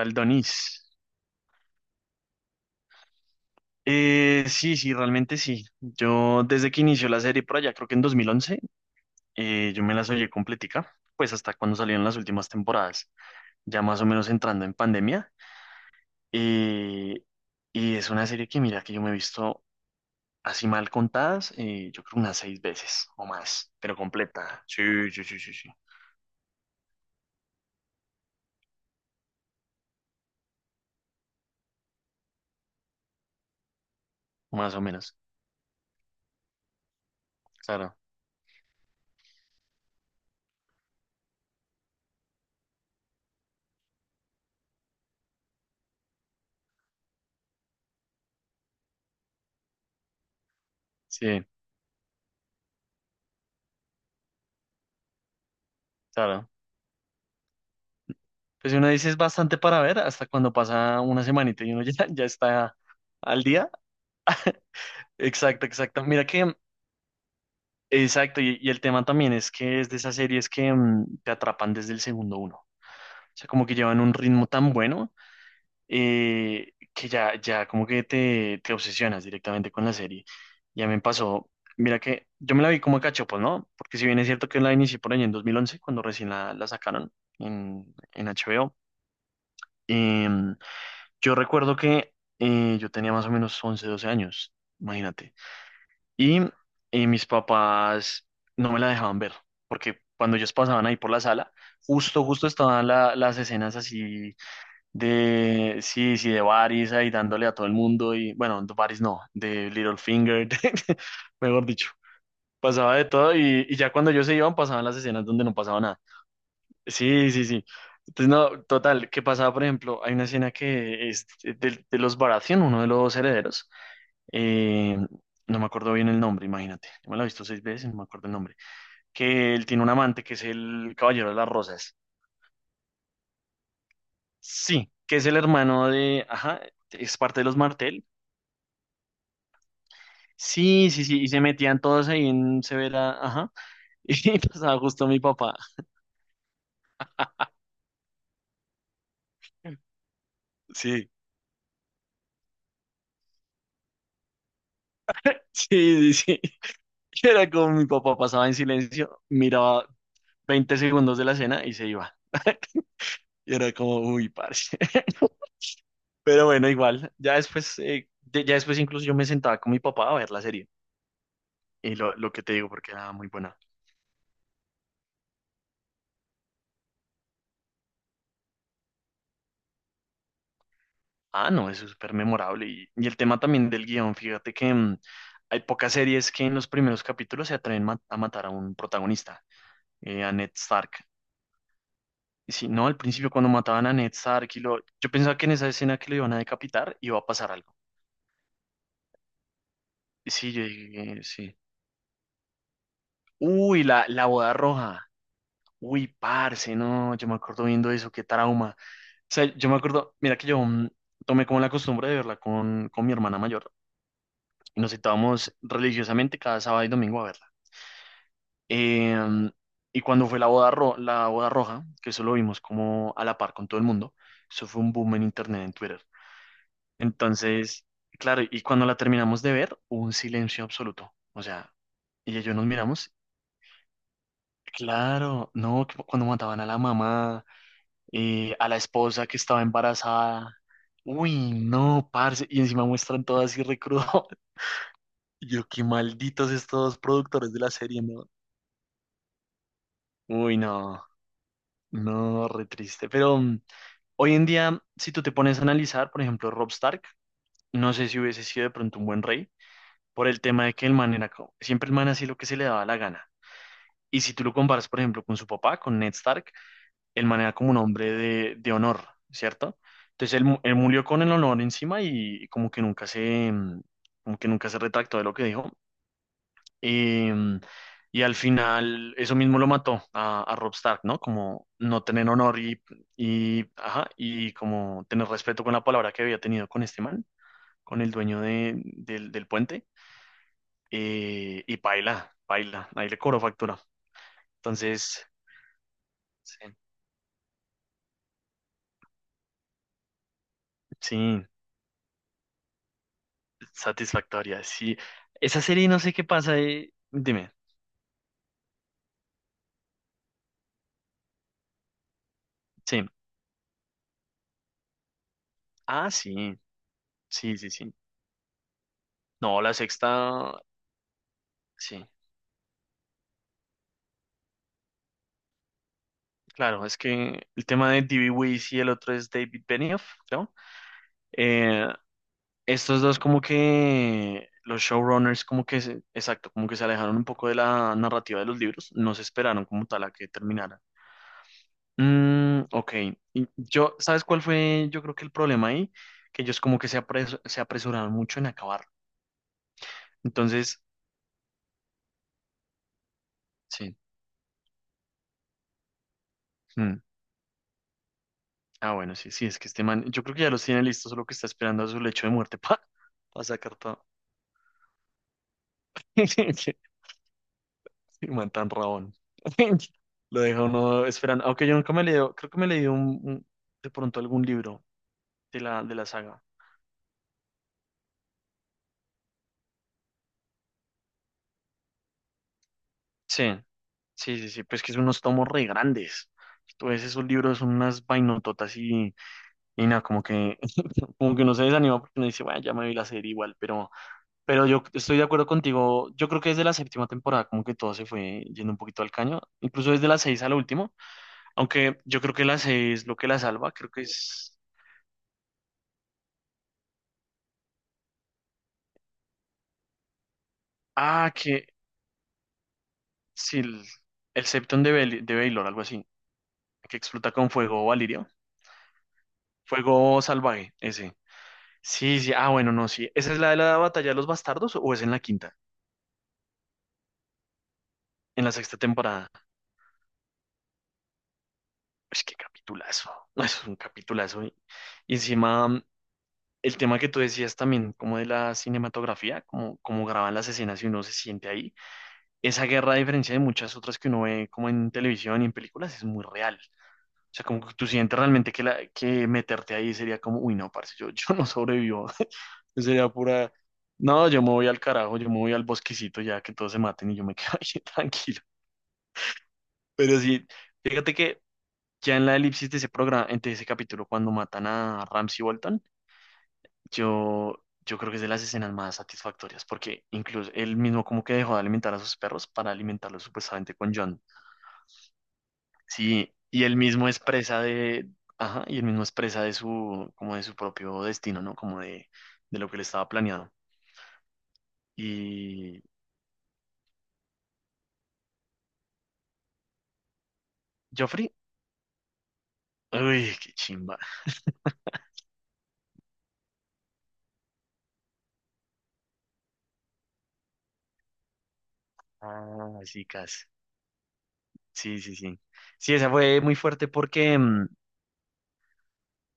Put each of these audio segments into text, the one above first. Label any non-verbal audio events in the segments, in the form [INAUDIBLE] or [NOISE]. Tal Donis. Sí, sí, realmente sí. Yo desde que inició la serie por allá, creo que en 2011, yo me las oí completica, pues hasta cuando salieron las últimas temporadas, ya más o menos entrando en pandemia. Eh, y es una serie que mira que yo me he visto así mal contadas, yo creo unas seis veces o más, pero completa. Sí, sí, sí, sí, sí, más o menos. Claro, sí, claro. Pues si uno dice es bastante para ver, hasta cuando pasa una semanita y uno [LAUGHS] ya está al día. Exacto, exacto. Mira que, exacto, y el tema también es que es de esas series que te atrapan desde el segundo uno. O sea, como que llevan un ritmo tan bueno, que ya como que te obsesionas directamente con la serie. Ya me pasó, mira que yo me la vi como a cachopos, ¿no? Porque si bien es cierto que la inicié por ahí en 2011, cuando recién la sacaron en HBO. em, yo recuerdo que yo tenía más o menos 11, 12 años, imagínate. Y, mis papás no me la dejaban ver, porque cuando ellos pasaban ahí por la sala, justo, justo estaban las escenas así sí, sí, de Varys ahí dándole a todo el mundo y, bueno, de Varys no, de Littlefinger, [LAUGHS] de- mejor dicho, pasaba de todo y ya cuando ellos se iban pasaban las escenas donde no pasaba nada. Sí, sí, sí. Entonces, no, total, ¿qué pasaba? Por ejemplo, hay una escena que es de los Baratheon, uno de los herederos, eh, no me acuerdo bien el nombre, imagínate. Yo me la he visto seis veces, no me acuerdo el nombre. Que él tiene un amante que es el Caballero de las Rosas. Sí, que es el hermano ajá, es parte de los Martel. Sí, sí, sí, y se metían todos ahí en Severa, ajá, [LAUGHS] y pasaba justo mi papá. [LAUGHS] Sí, sí, sí, sí. Y era como mi papá pasaba en silencio, miraba 20 segundos de la escena y se iba. Y era como, uy, parce. [LAUGHS] Pero bueno, igual, ya después incluso yo me sentaba con mi papá a ver la serie. Y lo que te digo, porque era muy buena. Ah, no, eso es súper memorable. Y el tema también del guión, fíjate que hay pocas series que en los primeros capítulos se atreven a matar a un protagonista, a Ned Stark. Y si no, al principio cuando mataban a Ned Stark, y yo pensaba que en esa escena que lo iban a decapitar iba a pasar algo. Y sí, yo dije, sí. Uy, la boda roja. Uy, parce, no, yo me acuerdo viendo eso, qué trauma. O sea, yo me acuerdo, mira que yo tomé como la costumbre de verla con mi hermana mayor. Y nos citábamos religiosamente cada sábado y domingo a verla. Em, y cuando fue la boda roja, que eso lo vimos como a la par con todo el mundo, eso fue un boom en internet, en Twitter. Entonces, claro, y cuando la terminamos de ver, hubo un silencio absoluto. O sea, ella y yo nos miramos. Claro, no, que cuando mataban a la mamá, a la esposa que estaba embarazada. Uy, no, parce. Y encima muestran todo así recrudo. [LAUGHS] Yo, qué malditos estos productores de la serie, ¿no? Uy, no, no, re triste. Pero hoy en día, si tú te pones a analizar, por ejemplo, Rob Stark, no sé si hubiese sido de pronto un buen rey, por el tema de que el man era, siempre el man hacía lo que se le daba la gana. Y si tú lo comparas, por ejemplo, con su papá, con Ned Stark, el man era como un hombre de honor, ¿cierto? Entonces él, él murió con el honor encima y como que nunca se retractó de lo que dijo. Y, mm, y al final eso mismo lo mató a Robb Stark, ¿no? Como no tener honor ajá, y como tener respeto con la palabra que había tenido con este man, con el dueño del puente. Y paila, paila, ahí le cobró factura. Entonces, sí, sí, satisfactoria. Sí, esa serie no sé qué pasa. Dime, sí. Ah, sí, sí, sí, sí. No, la sexta, sí. Claro, es que el tema de D.B. Weiss y el otro es David Benioff, ¿no? Eh, Estos dos como que los showrunners como que, exacto, como que se alejaron un poco de la narrativa de los libros, no se esperaron como tal a que terminara. Ok, y yo, ¿sabes cuál fue? Yo creo que el problema ahí, que ellos como que se apresuraron mucho en acabar. Entonces, sí. mm, Ah, bueno, sí, sí, es que este man, yo creo que ya los tiene listos, solo que está esperando a su lecho de muerte [LAUGHS] para sacar todo. [LAUGHS] Y man tan rabón. [LAUGHS] Lo deja uno esperando. Aunque yo nunca me leí, creo que me leí de pronto algún libro de la saga. Sí, sí, sí, sí. Pues que son unos tomos re grandes. Entonces esos libros son unas vainototas y nada, como que, [LAUGHS] como que uno se desanima porque uno dice, bueno, ya me vi la serie igual, pero, yo estoy de acuerdo contigo. Yo creo que desde la séptima temporada como que todo se fue yendo un poquito al caño, incluso desde la seis a la última, aunque yo creo que la seis lo que la salva, creo que es... Ah, que sí, el Septon de, de Baylor, algo así, que explota con fuego Valirio. Fuego salvaje, ese. Sí, sí, ah, bueno, no, sí. ¿Esa es la de la batalla de los bastardos o es en la quinta? En la sexta temporada. Es que capitulazo. [LAUGHS] Es un capitulazo. Y encima, el tema que tú decías también, como de la cinematografía, como graban las escenas y uno se siente ahí. Esa guerra, a diferencia de muchas otras que uno ve como en televisión y en películas, es muy real. O sea, como que tú sientes realmente que, que meterte ahí sería como, uy, no, parce, yo, [LAUGHS] yo no sobrevivo. [LAUGHS] Sería pura, no, yo me voy al carajo, yo me voy al bosquecito ya que todos se maten y yo me [LAUGHS] quedo ahí tranquilo. Pero sí, fíjate que ya en la elipsis de ese programa, de ese capítulo, cuando matan a Ramsay Bolton, yo, yo creo que es de las escenas más satisfactorias, porque incluso él mismo como que dejó de alimentar a sus perros para alimentarlos supuestamente con John. Sí, y él mismo es presa de, ajá, y él mismo es presa de su, como de su propio destino, ¿no? Como de lo que le estaba planeado. Y Joffrey, uy, qué chimba. Ah, chicas. Sí, sí, sí. Sí, esa fue muy fuerte porque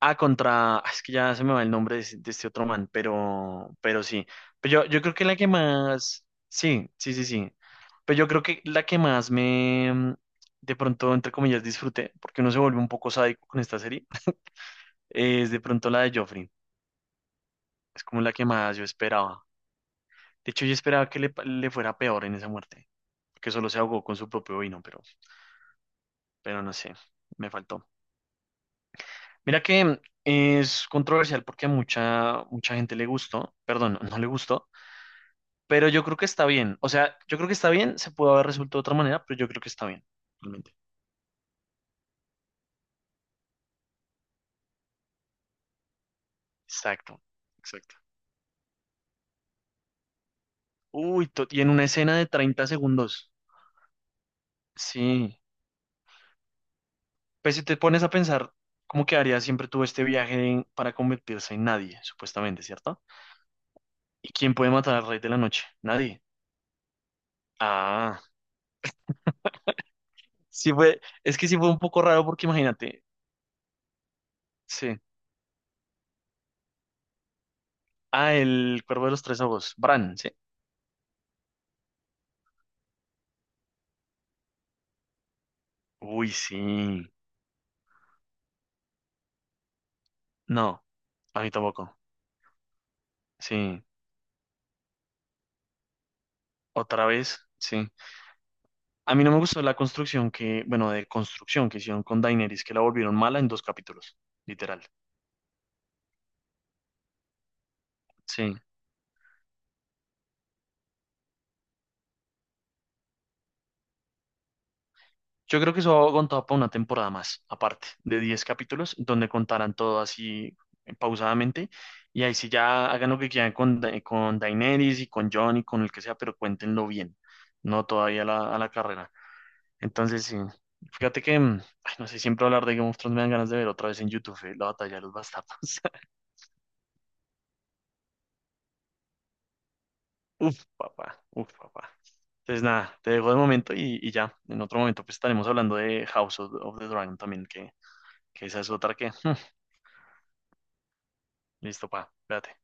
Ah, contra. Es que ya se me va el nombre de, de este otro man, pero sí. Pero yo creo que la que más. Sí, sí, sí, sí. Pero yo creo que la que más me. De pronto, entre comillas, disfruté, porque uno se vuelve un poco sádico con esta serie, [LAUGHS] es de pronto la de Joffrey. Es como la que más yo esperaba. De hecho, yo esperaba que le fuera peor en esa muerte, que solo se ahogó con su propio vino, pero no sé, me faltó. Mira que es controversial porque a mucha, mucha gente le gustó, perdón, no le gustó. Pero yo creo que está bien. O sea, yo creo que está bien. Se pudo haber resuelto de otra manera, pero yo creo que está bien. Realmente. Exacto. Exacto. Uy, y en una escena de 30 segundos. Sí. Pues si te pones a pensar, ¿cómo quedaría siempre tuvo este viaje para convertirse en nadie, supuestamente, ¿cierto? ¿Y quién puede matar al rey de la noche? Nadie. Ah, sí fue. Es que sí fue un poco raro porque imagínate. Sí. Ah, el cuervo de los tres ojos. Bran, sí. Uy, sí. No, a mí tampoco. Sí. Otra vez, sí. A mí no me gustó la construcción que, bueno, de construcción que hicieron con Daenerys, que la volvieron mala en dos capítulos, literal. Sí. Yo creo que eso aguantaba para una temporada más, aparte, de 10 capítulos, donde contaran todo así, pausadamente. Y ahí sí ya hagan lo que quieran con Daenerys y con Jon y con el que sea, pero cuéntenlo bien, no todavía a la carrera. Entonces, sí. Fíjate que, ay, no sé, siempre hablar de Game of Thrones me dan ganas de ver otra vez en YouTube, la batalla de los bastardos. Uf, papá, uf, papá. Entonces, nada, te dejo de momento y ya. En otro momento, pues estaremos hablando de House of the Dragon también, que esa es otra que. [LAUGHS] Listo, pa, espérate.